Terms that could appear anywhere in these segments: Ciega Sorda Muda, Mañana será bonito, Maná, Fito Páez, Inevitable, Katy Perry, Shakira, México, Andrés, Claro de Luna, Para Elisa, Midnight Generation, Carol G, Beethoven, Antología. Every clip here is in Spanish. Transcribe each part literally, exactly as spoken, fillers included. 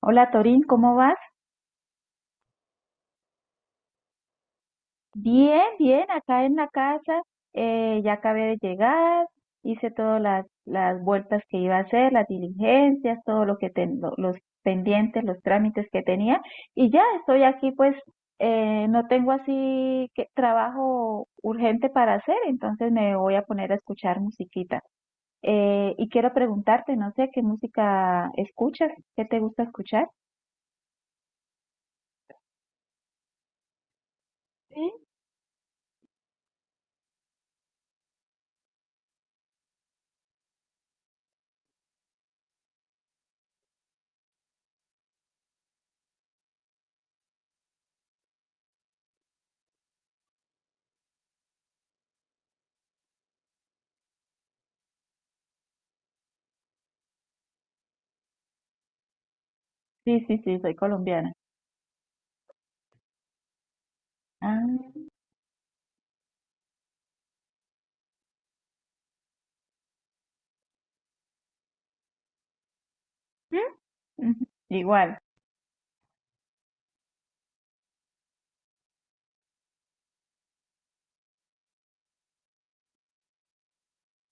Hola Torín, ¿cómo vas? Bien, bien, acá en la casa, eh, ya acabé de llegar, hice todas las, las vueltas que iba a hacer, las diligencias, todo lo que ten- lo- los pendientes, los trámites que tenía, y ya estoy aquí, pues eh, no tengo así que trabajo urgente para hacer, entonces me voy a poner a escuchar musiquita. Eh, y quiero preguntarte, no sé, ¿qué música escuchas? ¿Qué te gusta escuchar? Sí. Sí, sí, sí, soy colombiana. Ah. ¿Mm? Ujú. Igual,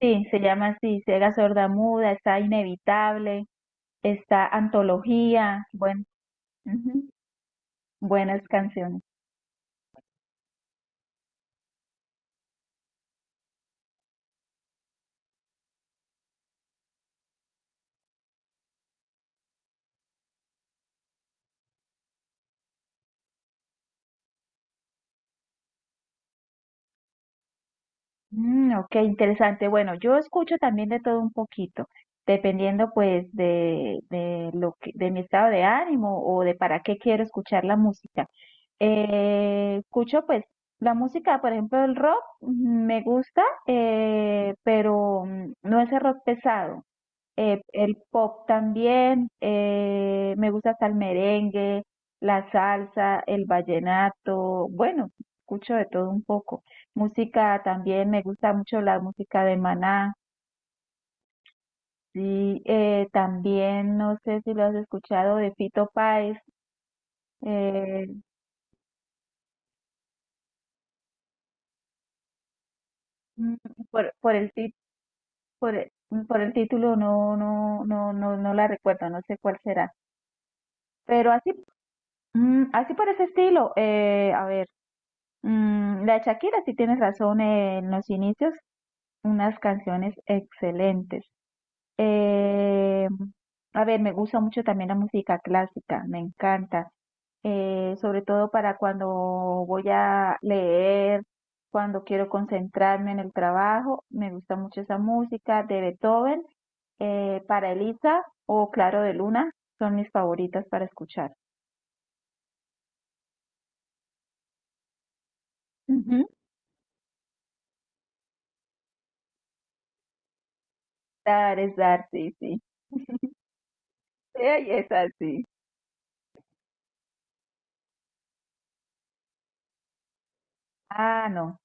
sí, se llama así, Ciega Sorda Muda, está Inevitable, está Antología, bueno, ujú, buenas canciones. Mm, ok, interesante. Bueno, yo escucho también de todo un poquito, dependiendo pues de, de lo que, de mi estado de ánimo o de para qué quiero escuchar la música. Eh, escucho pues la música, por ejemplo, el rock mm, me gusta, eh, pero mm, no ese rock pesado. Eh, el pop también, eh, me gusta hasta el merengue, la salsa, el vallenato, bueno, escucho de todo un poco. Música también, me gusta mucho la música de Maná, sí, eh, también no sé si lo has escuchado de Fito Páez, eh, mm, por, por el, ti- Por el, por el título no, no, no, no, no la recuerdo, no sé cuál será. Pero así, mm, así por ese estilo, eh, a ver, mm, la de Shakira sí tienes razón eh, en los inicios, unas canciones excelentes. Eh, a ver, me gusta mucho también la música clásica, me encanta, eh, sobre todo para cuando voy a leer, cuando quiero concentrarme en el trabajo, me gusta mucho esa música de Beethoven, eh, para Elisa o Claro de Luna, son mis favoritas para escuchar. Ujú. Dar es dar, sí, sí. Ey, es así. Ah, no.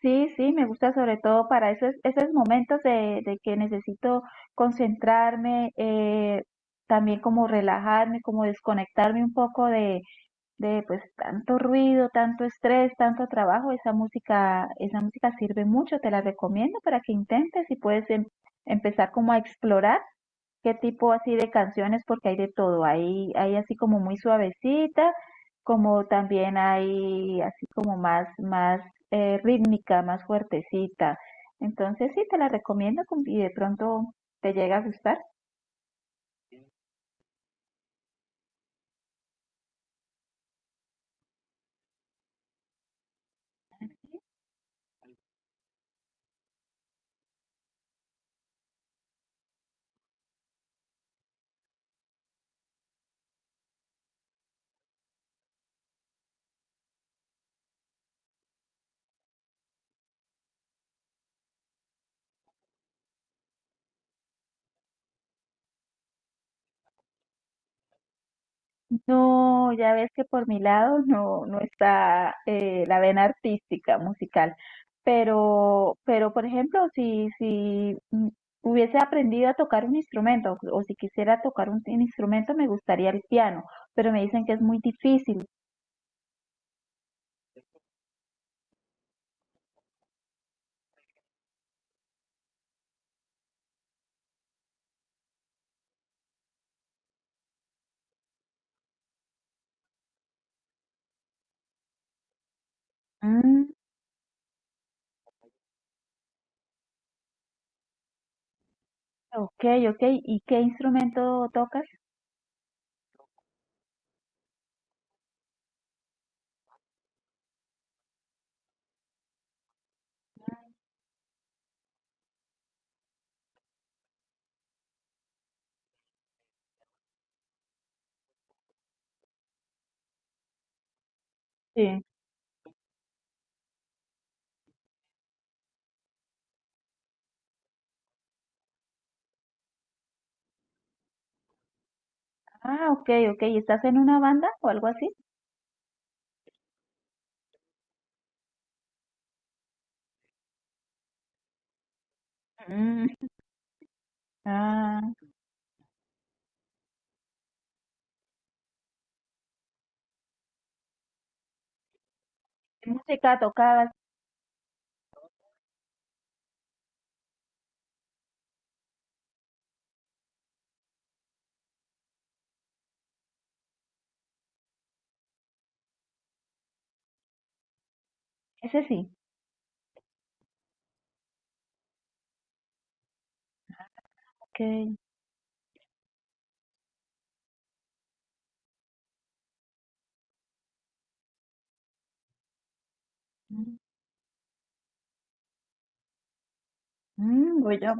Sí, sí, me gusta sobre todo para esos, esos momentos de, de que necesito concentrarme, eh, también como relajarme, como desconectarme un poco de, de pues tanto ruido, tanto estrés, tanto trabajo. Esa música, esa música sirve mucho, te la recomiendo para que intentes y puedes em- empezar como a explorar qué tipo así de canciones, porque hay de todo. Hay, hay así como muy suavecita, como también hay así como más, más eh, rítmica, más fuertecita. Entonces sí, te la recomiendo com- y de pronto te llega a gustar. No, ya ves que por mi lado no, no está eh, la vena artística, musical. Pero, pero por ejemplo, si, si mm, hubiese aprendido a tocar un instrumento o si quisiera tocar un, instrumento, me gustaría el piano, pero me dicen que es muy difícil. Mm, ok, ok. ¿Y qué instrumento tocas? Sí. Ah, ok, ok. ¿Y estás en una banda o algo así? Mm, ah, ¿qué música tocabas? Ese sí. Ok. Mm, mm, Voy a...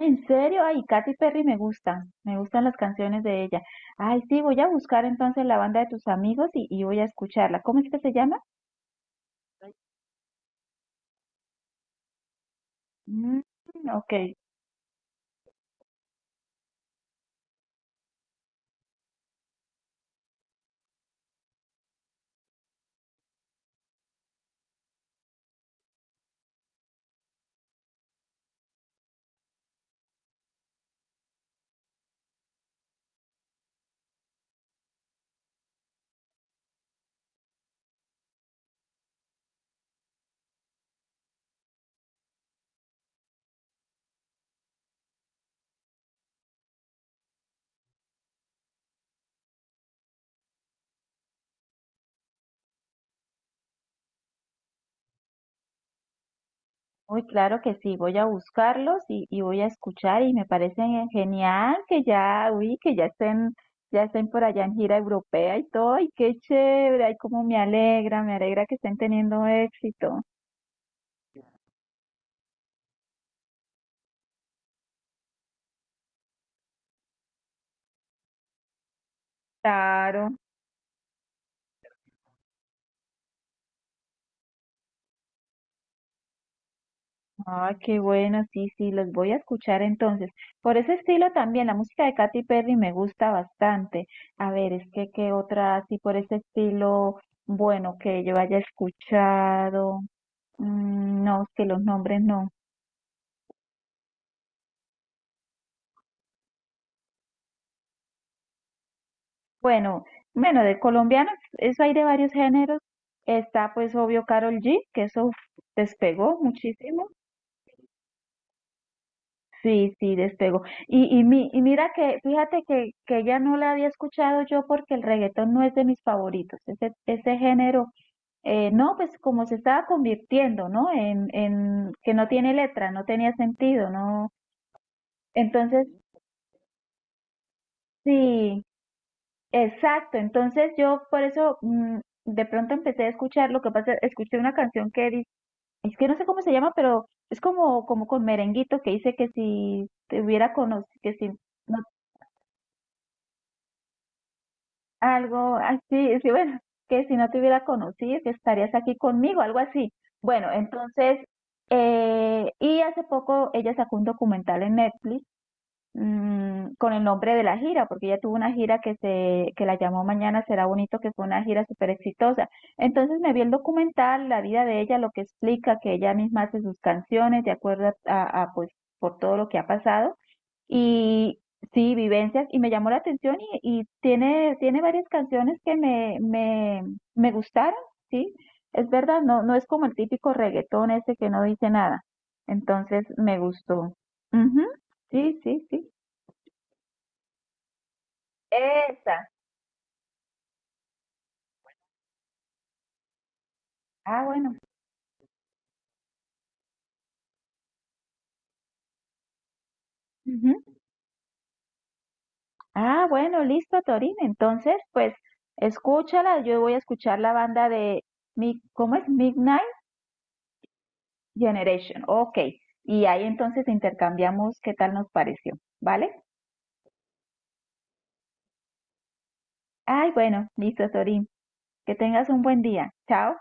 En serio, ay, Katy Perry me gusta, me gustan las canciones de ella. Ay, sí, voy a buscar entonces la banda de tus amigos y, y voy a escucharla. ¿Cómo es que se llama? Mm, ok, muy claro que sí, voy a buscarlos y, y voy a escuchar y me parece genial que ya, uy, que ya estén, ya estén por allá en gira europea y todo, y qué chévere, ay, cómo me alegra, me alegra que estén teniendo éxito. Claro. Ah, qué bueno, sí, sí, los voy a escuchar entonces. Por ese estilo también, la música de Katy Perry me gusta bastante. A ver, es que qué otra así por ese estilo, bueno, que yo haya escuchado. Mm, no, es que los nombres no. Bueno, bueno, de colombianos, eso hay de varios géneros. Está pues obvio Carol G, que eso uf, despegó muchísimo. Sí, sí, despegó. Y, y, mi, y mira que, fíjate que, que ella no la había escuchado yo porque el reggaetón no es de mis favoritos, ese, ese género, eh, no, pues como se estaba convirtiendo, ¿no? En, en que no tiene letra, no tenía sentido, ¿no? Entonces, sí, exacto. Entonces yo por eso mm, de pronto empecé a escuchar, lo que pasa, escuché una canción que dice, es que no sé cómo se llama, pero es como, como con merenguito que dice que si te hubiera conocido, que si... no. Algo así, sí, bueno, que si no te hubiera conocido, que estarías aquí conmigo, algo así. Bueno, entonces, eh, y hace poco ella sacó un documental en Netflix mm, con el nombre de la gira, porque ella tuvo una gira que se, que la llamó Mañana será bonito, que fue una gira súper exitosa. Entonces me vi el documental, la vida de ella, lo que explica que ella misma hace sus canciones de acuerdo a, a, a, pues por todo lo que ha pasado y sí, vivencias y me llamó la atención y, y tiene, tiene varias canciones que me, me, me gustaron, sí. Es verdad, no, no es como el típico reggaetón ese que no dice nada. Entonces me gustó. Ujú, sí, sí, sí. Esa. Ah, bueno. Ujú. Ah, bueno, listo, Torín. Entonces, pues, escúchala. Yo voy a escuchar la banda de, Mi- ¿cómo es? Midnight Generation. Ok. Y ahí entonces intercambiamos qué tal nos pareció. ¿Vale? Ay, bueno, listo, Torín. Que tengas un buen día. Chao.